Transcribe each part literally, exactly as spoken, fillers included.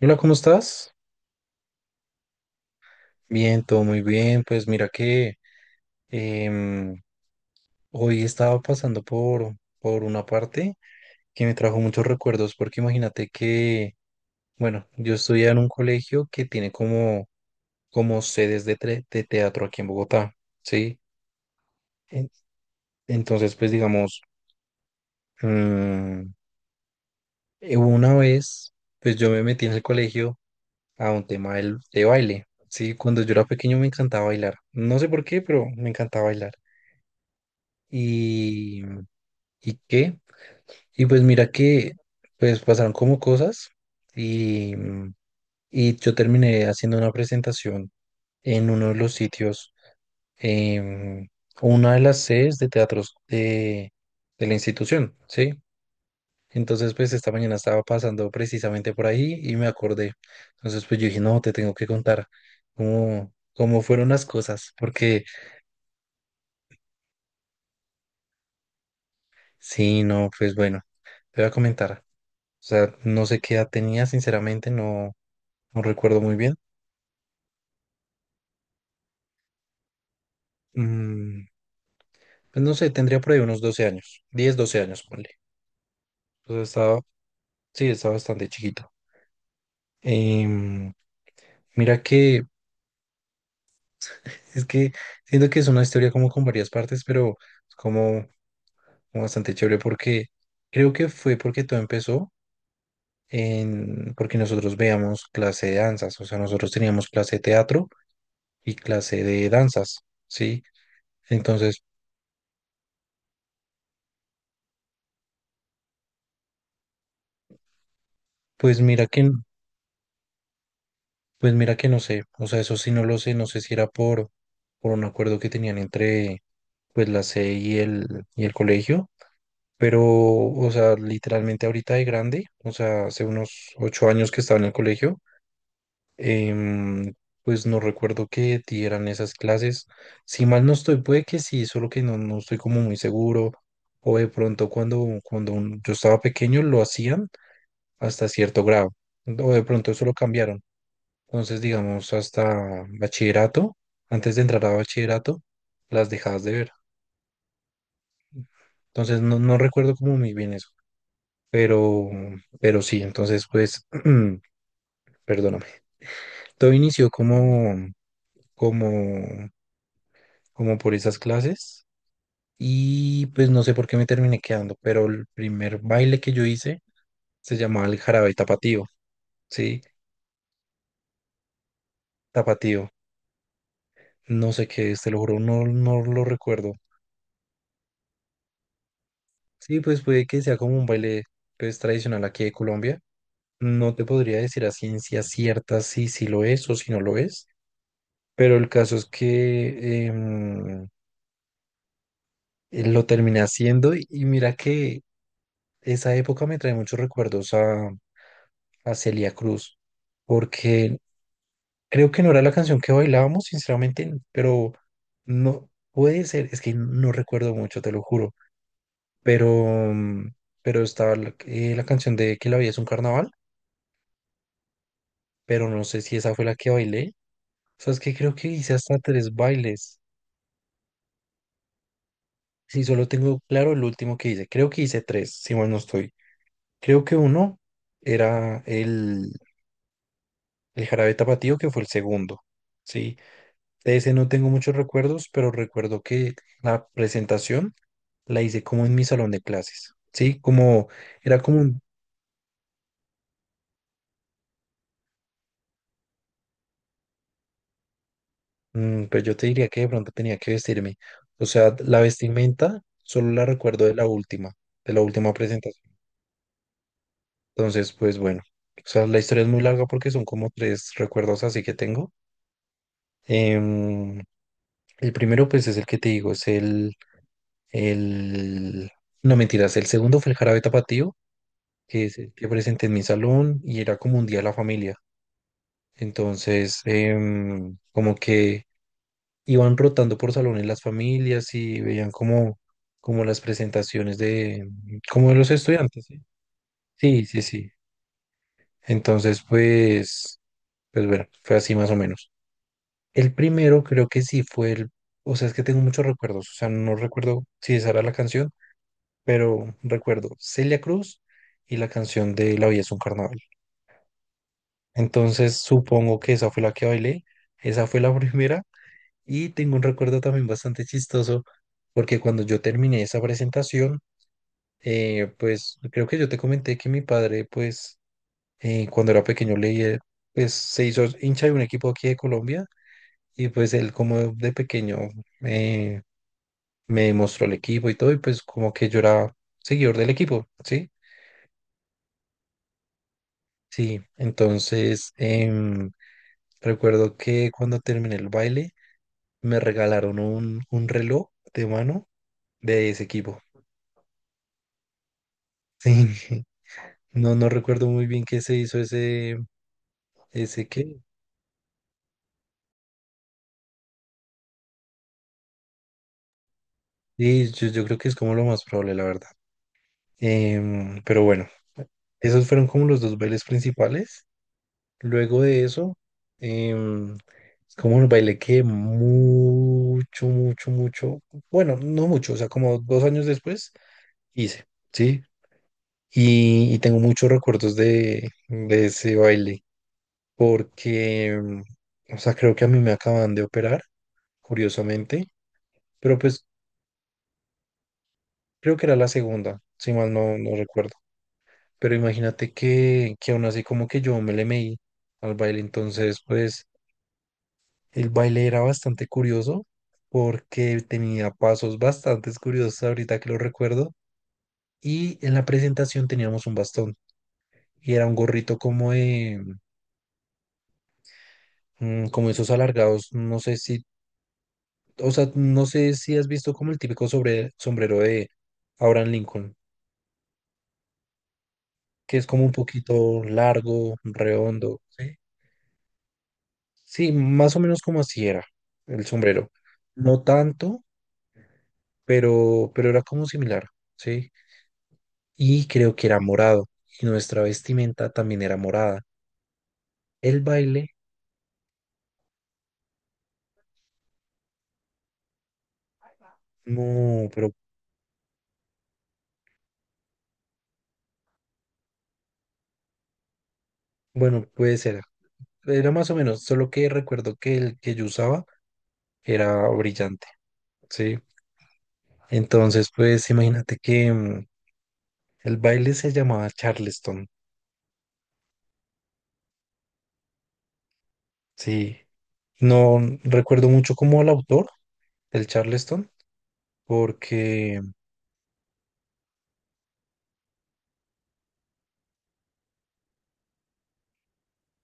Hola, ¿cómo estás? Bien, todo muy bien. Pues mira que em, hoy estaba pasando por, por una parte que me trajo muchos recuerdos porque imagínate que, bueno, yo estudié en un colegio que tiene como, como sedes de, tre- de teatro aquí en Bogotá, ¿sí? En- Entonces, pues digamos, mm, eh, una vez, pues yo me metí en el colegio a un tema del- de baile, ¿sí? Cuando yo era pequeño me encantaba bailar. No sé por qué, pero me encantaba bailar. y, y qué. Y pues mira que pues pasaron como cosas y, y yo terminé haciendo una presentación en uno de los sitios, em, una de las sedes de teatros de, de la institución, ¿sí? Entonces pues esta mañana estaba pasando precisamente por ahí y me acordé. Entonces pues yo dije, no, te tengo que contar cómo, cómo fueron las cosas, porque sí, no, pues bueno, te voy a comentar. O sea, no sé qué edad tenía, sinceramente, no, no recuerdo muy bien. Mm, pues no sé, tendría por ahí unos doce años, diez, doce años, ponle. Entonces estaba, sí, estaba bastante chiquito. Em, mira que, es que siento que es una historia como con varias partes, pero es como, como bastante chévere porque creo que fue porque todo empezó en, porque nosotros veíamos clase de danzas, o sea, nosotros teníamos clase de teatro y clase de danzas, ¿sí? Entonces, pues mira que. Pues mira que no sé, o sea, eso sí no lo sé, no sé si era por, por un acuerdo que tenían entre pues la C y el, y el colegio, pero, o sea, literalmente ahorita de grande, o sea, hace unos ocho años que estaba en el colegio, em, pues no recuerdo que dieran esas clases, si mal no estoy, puede que sí, solo que no, no estoy como muy seguro, o de pronto cuando, cuando un- yo estaba pequeño lo hacían hasta cierto grado, o de pronto eso lo cambiaron entonces, digamos, hasta bachillerato, antes de entrar a bachillerato, las dejabas de ver. Entonces, no, no recuerdo como muy bien eso, pero, pero sí, entonces, pues, perdóname. Todo inició como, como, como por esas clases y pues no sé por qué me terminé quedando, pero el primer baile que yo hice se llamaba el jarabe tapatío, ¿sí? Tapatío. No sé qué es, te lo juro, no, no lo recuerdo. Sí, pues puede que sea como un baile pues, tradicional aquí de Colombia. No te podría decir a ciencia cierta si, si lo es o si no lo es, pero el caso es que em, eh, lo terminé haciendo y, y mira que esa época me trae muchos recuerdos a, a Celia Cruz, porque creo que no era la canción que bailábamos, sinceramente, pero no puede ser, es que no recuerdo mucho, te lo juro, pero, mm, pero estaba la, eh, la canción de Que la vida es un carnaval. Pero no sé si esa fue la que bailé. O sea, es que creo que hice hasta tres bailes. Si solo tengo claro el último que hice. Creo que hice tres, si mal no estoy. Creo que uno era el, el jarabe tapatío, que fue el segundo. Sí, de ese no tengo muchos recuerdos, pero recuerdo que la presentación la hice como en mi salón de clases. Sí, como era como un, mm, pues yo te diría que de pronto tenía que vestirme. O sea, la vestimenta solo la recuerdo de la última, de la última presentación. Entonces, pues bueno, o sea, la historia es muy larga porque son como tres recuerdos así que tengo. Em, el primero, pues es el que te digo, es el, el... No mentiras, el segundo fue el jarabe tapatío, que es el que presenté en mi salón y era como un día de la familia. Entonces, em, como que iban rotando por salones las familias y veían como, como las presentaciones de, como de los estudiantes, ¿sí? Sí, sí, sí. Entonces, pues, pues bueno, fue así más o menos. El primero creo que sí fue el, o sea, es que tengo muchos recuerdos, o sea, no recuerdo si esa era la canción, pero recuerdo Celia Cruz y la canción de La vida es un carnaval. Entonces supongo que esa fue la que bailé, esa fue la primera y tengo un recuerdo también bastante chistoso porque cuando yo terminé esa presentación, eh, pues creo que yo te comenté que mi padre, pues eh, cuando era pequeño leía, pues se hizo hincha de un equipo aquí de Colombia y pues él como de pequeño. eh, Me mostró el equipo y todo, y pues como que yo era seguidor del equipo, ¿sí? Sí, entonces em, recuerdo que cuando terminé el baile me regalaron un, un reloj de mano de ese equipo. Sí, no, no recuerdo muy bien qué se hizo ese, ese qué. Sí, yo, yo creo que es como lo más probable, la verdad. Em, pero bueno, esos fueron como los dos bailes principales. Luego de eso, em, es como un baile que mucho, mucho, mucho, bueno, no mucho, o sea, como dos años después hice, ¿sí? Y, y tengo muchos recuerdos de, de ese baile, porque, em, o sea, creo que a mí me acaban de operar, curiosamente, pero pues creo que era la segunda, si mal no, no recuerdo. Pero imagínate que, que aún así como que yo me le meí al baile, entonces pues el baile era bastante curioso porque tenía pasos bastante curiosos ahorita que lo recuerdo. Y en la presentación teníamos un bastón y era un gorrito como de, mm, como esos alargados. No sé si, o sea, no sé si has visto como el típico sobre, sombrero de Abraham Lincoln, que es como un poquito largo, redondo. Sí, sí, más o menos como así era el sombrero. No tanto, pero, pero era como similar. Sí. Y creo que era morado y nuestra vestimenta también era morada. El baile, no, pero bueno, puede ser. Era más o menos, solo que recuerdo que el que yo usaba era brillante, ¿sí? Entonces, pues imagínate que mm, el baile se llamaba Charleston, ¿sí? No mm, recuerdo mucho como el autor del Charleston, porque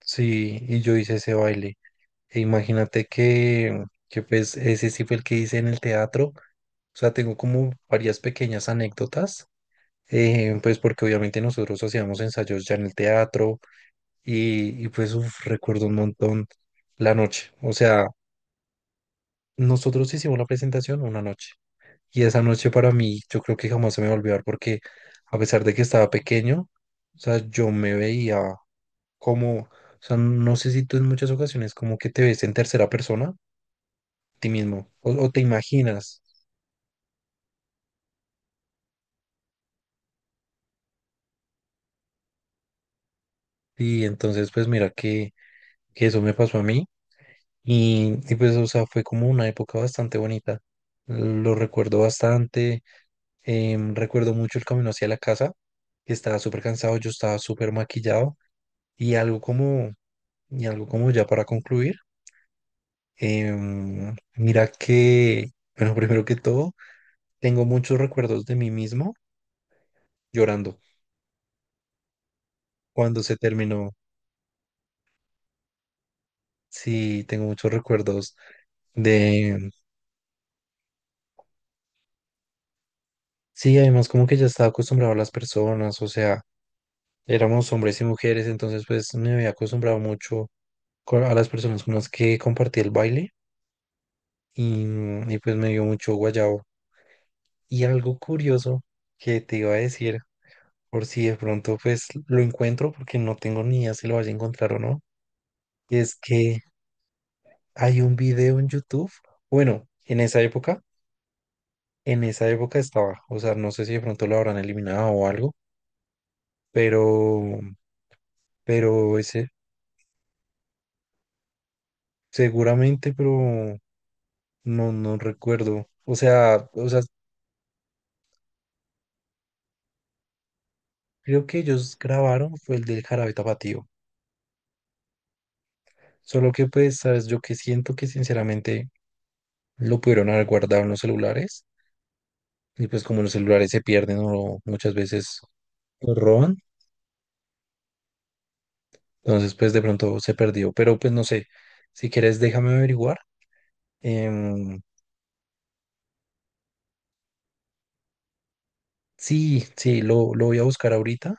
sí, y yo hice ese baile. E imagínate que, que pues ese sí fue el que hice en el teatro. O sea, tengo como varias pequeñas anécdotas, eh, pues porque obviamente nosotros hacíamos ensayos ya en el teatro y, y pues uf, recuerdo un montón la noche. O sea, nosotros hicimos la presentación una noche y esa noche para mí yo creo que jamás se me va a olvidar porque a pesar de que estaba pequeño, o sea, yo me veía como, o sea, no sé si tú en muchas ocasiones como que te ves en tercera persona ti mismo o, o te imaginas. Y entonces, pues mira que, que eso me pasó a mí y, y, pues, o sea, fue como una época bastante bonita. Lo recuerdo bastante, em, recuerdo mucho el camino hacia la casa, que estaba súper cansado, yo estaba súper maquillado y algo como, y algo como, ya para concluir, em, mira que, bueno, primero que todo, tengo muchos recuerdos de mí mismo llorando cuando se terminó. Sí, tengo muchos recuerdos de. Sí, además como que ya estaba acostumbrado a las personas, o sea, éramos hombres y mujeres, entonces pues me había acostumbrado mucho co- a las personas con las que compartí el baile y, mm, y pues me dio mucho guayabo. Y algo curioso que te iba a decir, por si de pronto pues lo encuentro, porque no tengo ni idea si lo vaya a encontrar o no, es que hay un video en YouTube, bueno, en esa época, en esa época estaba, o sea, no sé si de pronto lo habrán eliminado o algo, pero, pero seguramente, pero no, no recuerdo. O sea, o sea, creo que ellos grabaron fue el del Jarabe Tapatío. Solo que pues, sabes, yo que siento que sinceramente lo pudieron haber guardado en los celulares. Y pues como los celulares se pierden o muchas veces los roban, entonces pues de pronto se perdió. Pero pues no sé, si quieres déjame averiguar. Em, sí, sí, lo, lo voy a buscar ahorita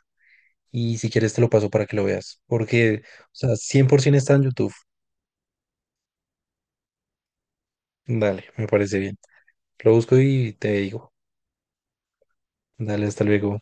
y si quieres te lo paso para que lo veas. Porque, o sea, cien por ciento está en YouTube. Dale, me parece bien. Lo busco y te digo. Dale, hasta luego.